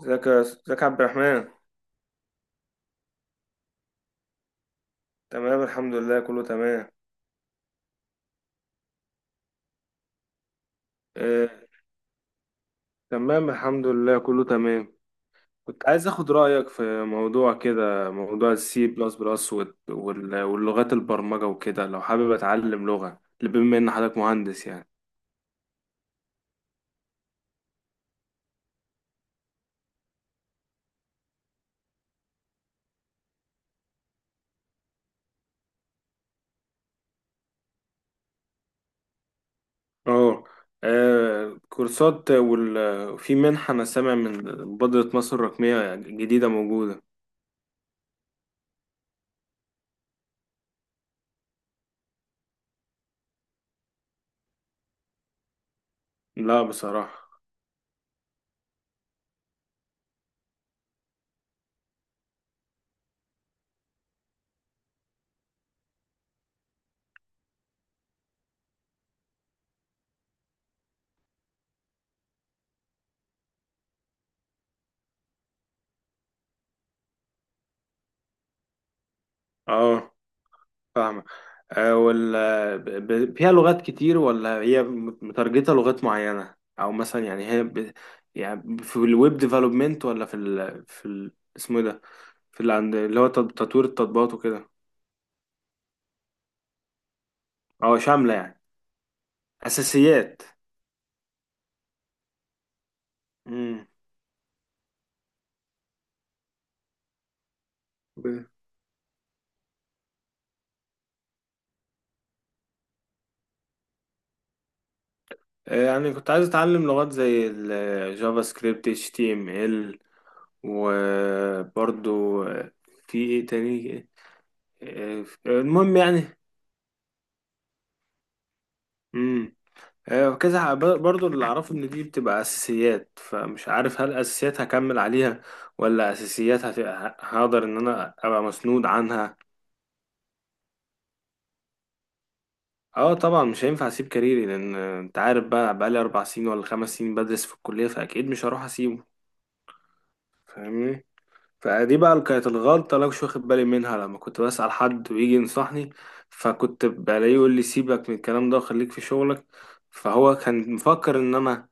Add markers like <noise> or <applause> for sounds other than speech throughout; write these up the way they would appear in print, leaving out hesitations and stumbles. ازيك يا عبد الرحمن. تمام، الحمد لله كله تمام. آه، تمام، الحمد لله كله تمام. كنت عايز اخد رأيك في موضوع كده، موضوع السي بلس بلس واللغات البرمجة وكده، لو حابب اتعلم لغة بما ان حضرتك مهندس يعني. اه. كورسات في منحة انا سامع من مبادرة مصر الرقمية جديدة موجودة. لا بصراحة. اه، فاهمة. آه، وال فيها لغات كتير ولا هي متارجتة لغات معينة، أو مثلا يعني يعني في الويب ديفلوبمنت، ولا اسمه إيه ده؟ اللي هو تطوير التطبيقات وكده. أو شاملة يعني، أساسيات. مم. ب- يعني كنت عايز أتعلم لغات زي الجافا سكريبت، HTML، وبرضو في إيه تاني؟ آه، المهم يعني. وكذا برضو اللي اعرفه ان دي بتبقى اساسيات، فمش عارف هل اساسيات هكمل عليها، ولا اساسيات هقدر ان انا ابقى مسنود عنها. اه طبعا، مش هينفع اسيب كاريري، لان انت عارف بقى، بقالي 4 سنين ولا 5 سنين بدرس في الكلية، فاكيد مش هروح اسيبه. فاهمني. فدي بقى اللي كانت الغلطة اللي أنا مش واخد بالي منها، لما كنت بسأل حد ويجي ينصحني، فكنت بلاقيه يقول لي سيبك من الكلام ده وخليك في شغلك. فهو كان مفكر ان انا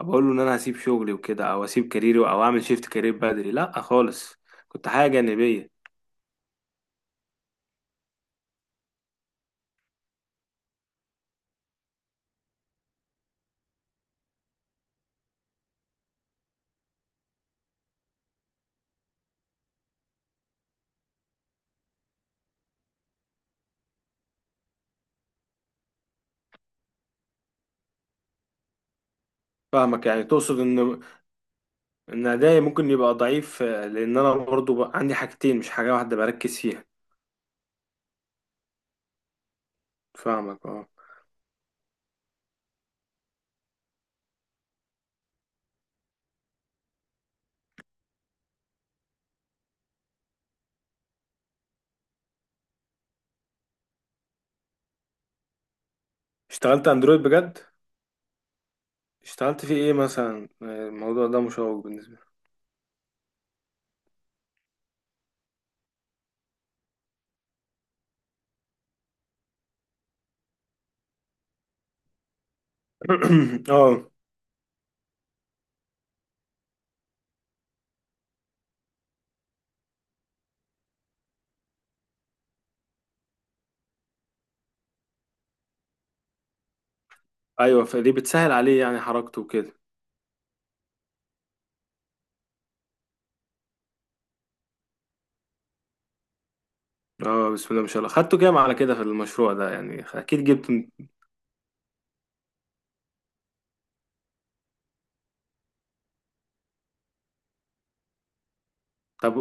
بقول له ان انا هسيب شغلي وكده، او هسيب كاريري، او اعمل شيفت كارير بدري. لا خالص، كنت حاجه جانبيه. فاهمك، يعني تقصد ان ادائي ممكن يبقى ضعيف، لان انا برضو بقى عندي حاجتين مش حاجه واحده بركز فيها. فاهمك اه. اشتغلت اندرويد بجد؟ اشتغلت في ايه مثلا؟ الموضوع ده مشوق بالنسبه لي. <clears throat> اه. ايوه، فدي بتسهل عليه يعني حركته وكده. اه، بسم الله ما شاء الله، خدته كام على كده في المشروع ده يعني؟ اكيد جبت. طب،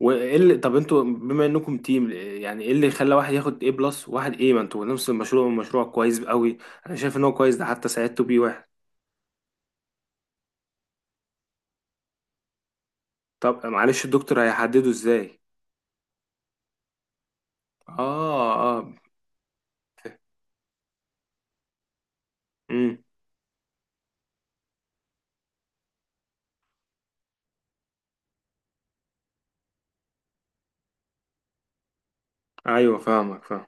وايه اللي طب انتوا بما انكم تيم، يعني ايه اللي خلى واحد ياخد A+ وواحد A؟ ما انتوا نفس المشروع، مشروع كويس قوي، انا شايف ان هو كويس ده، حتى ساعدته بيه واحد. طب معلش، الدكتور هيحدده ازاي؟ اه. اه. امم. ايوه فاهمك، فاهم.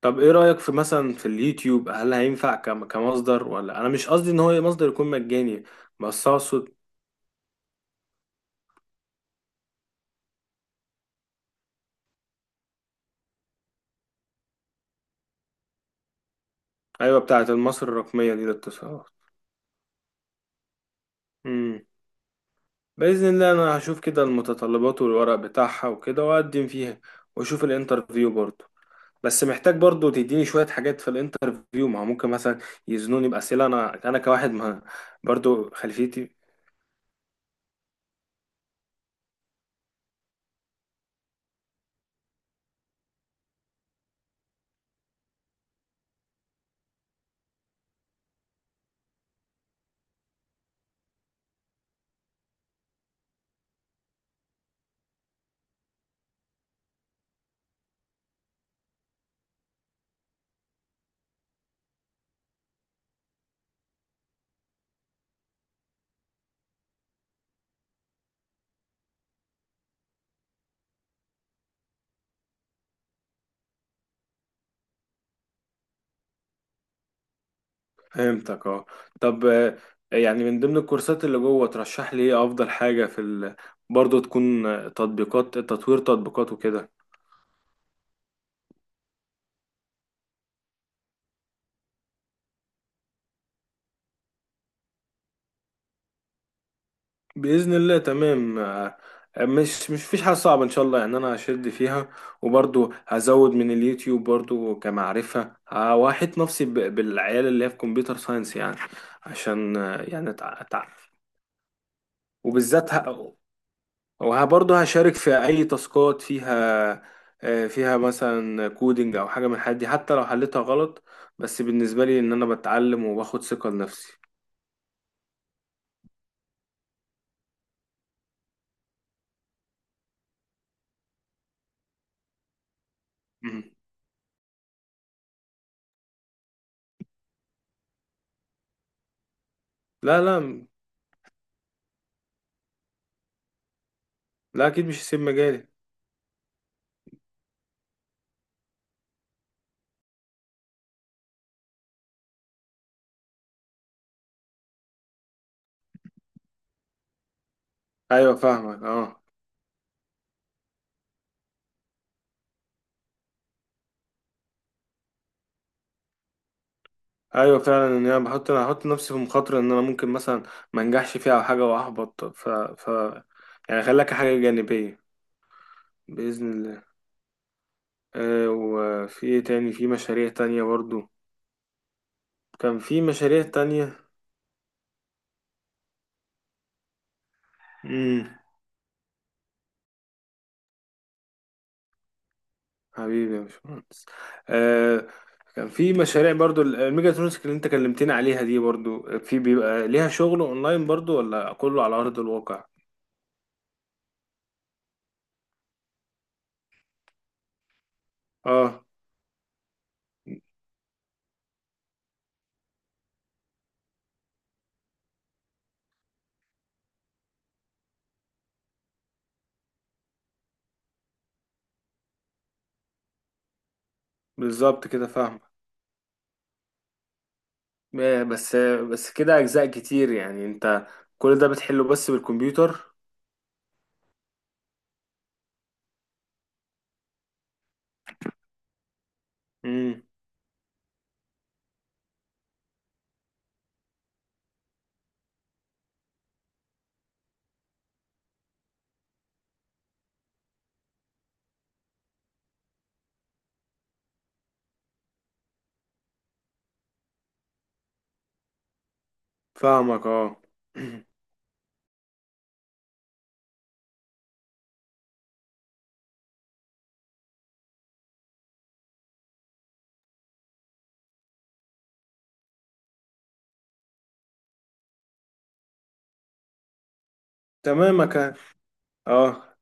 طب ايه رأيك في مثلا في اليوتيوب، هل هينفع كمصدر؟ ولا انا مش قصدي ان هو مصدر يكون مجاني، بس اقصد. ايوه، بتاعه مصر الرقمية دي للاتصالات. امم. بإذن الله انا هشوف كده المتطلبات والورق بتاعها وكده، واقدم فيها، واشوف الانترفيو برضه. بس محتاج برضو تديني شوية حاجات في الانترفيو، ما هو ممكن مثلا يزنوني بأسئلة أنا كواحد ما، برضو، خلفيتي. فهمتك اه. طب يعني من ضمن الكورسات اللي جوه، ترشح لي إيه أفضل حاجة برضو تكون، تطوير تطبيقات وكده. بإذن الله، تمام. مش فيش حاجة صعبة إن شاء الله، يعني أنا هشد فيها، وبرضو هزود من اليوتيوب برضو كمعرفة، وأحيط نفسي بالعيال اللي هي في كمبيوتر ساينس يعني. عشان يعني أتعرف، وبالذات وبرضو هشارك في أي تاسكات فيها، فيها مثلا كودينج أو حاجة من الحاجات دي، حتى لو حلتها غلط، بس بالنسبة لي إن أنا بتعلم وباخد ثقة لنفسي. مم. لا، لا. لا أكيد مش هسيب مجالي. أيوة فاهمك أه. ايوه فعلا، ان انا بحط انا هحط نفسي في مخاطره، ان انا ممكن مثلا ما انجحش فيها او حاجه واحبط، ف ف يعني خليك حاجه جانبيه. باذن الله. وفي ايه تاني، في مشاريع تانية برضو؟ كان في مشاريع تانية. امم. حبيبي يا باشمهندس. آه كان في مشاريع برضو الميجاترونكس اللي انت كلمتني عليها دي، برضو في بيبقى ليها شغل اونلاين برضو، ولا كله على ارض الواقع؟ اه، بالظبط كده، فاهم. بس بس كده اجزاء كتير، يعني انت كل ده بتحله بس بالكمبيوتر؟ امم. فاهمك اه. <clears throat> تمام اه.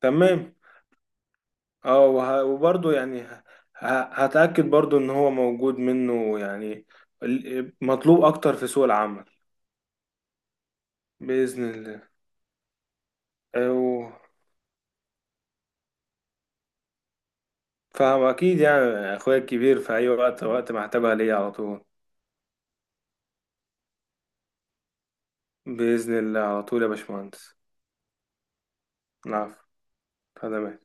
تمام. اه، وبرضه يعني هتأكد برضه ان هو موجود منه، يعني مطلوب اكتر في سوق العمل. بإذن الله. أيوه، فاهم اكيد يعني، اخويا الكبير، في اي وقت وقت ما احتاجها ليا على طول. بإذن الله على طول يا باشمهندس. نعم. تمام.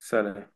سلام.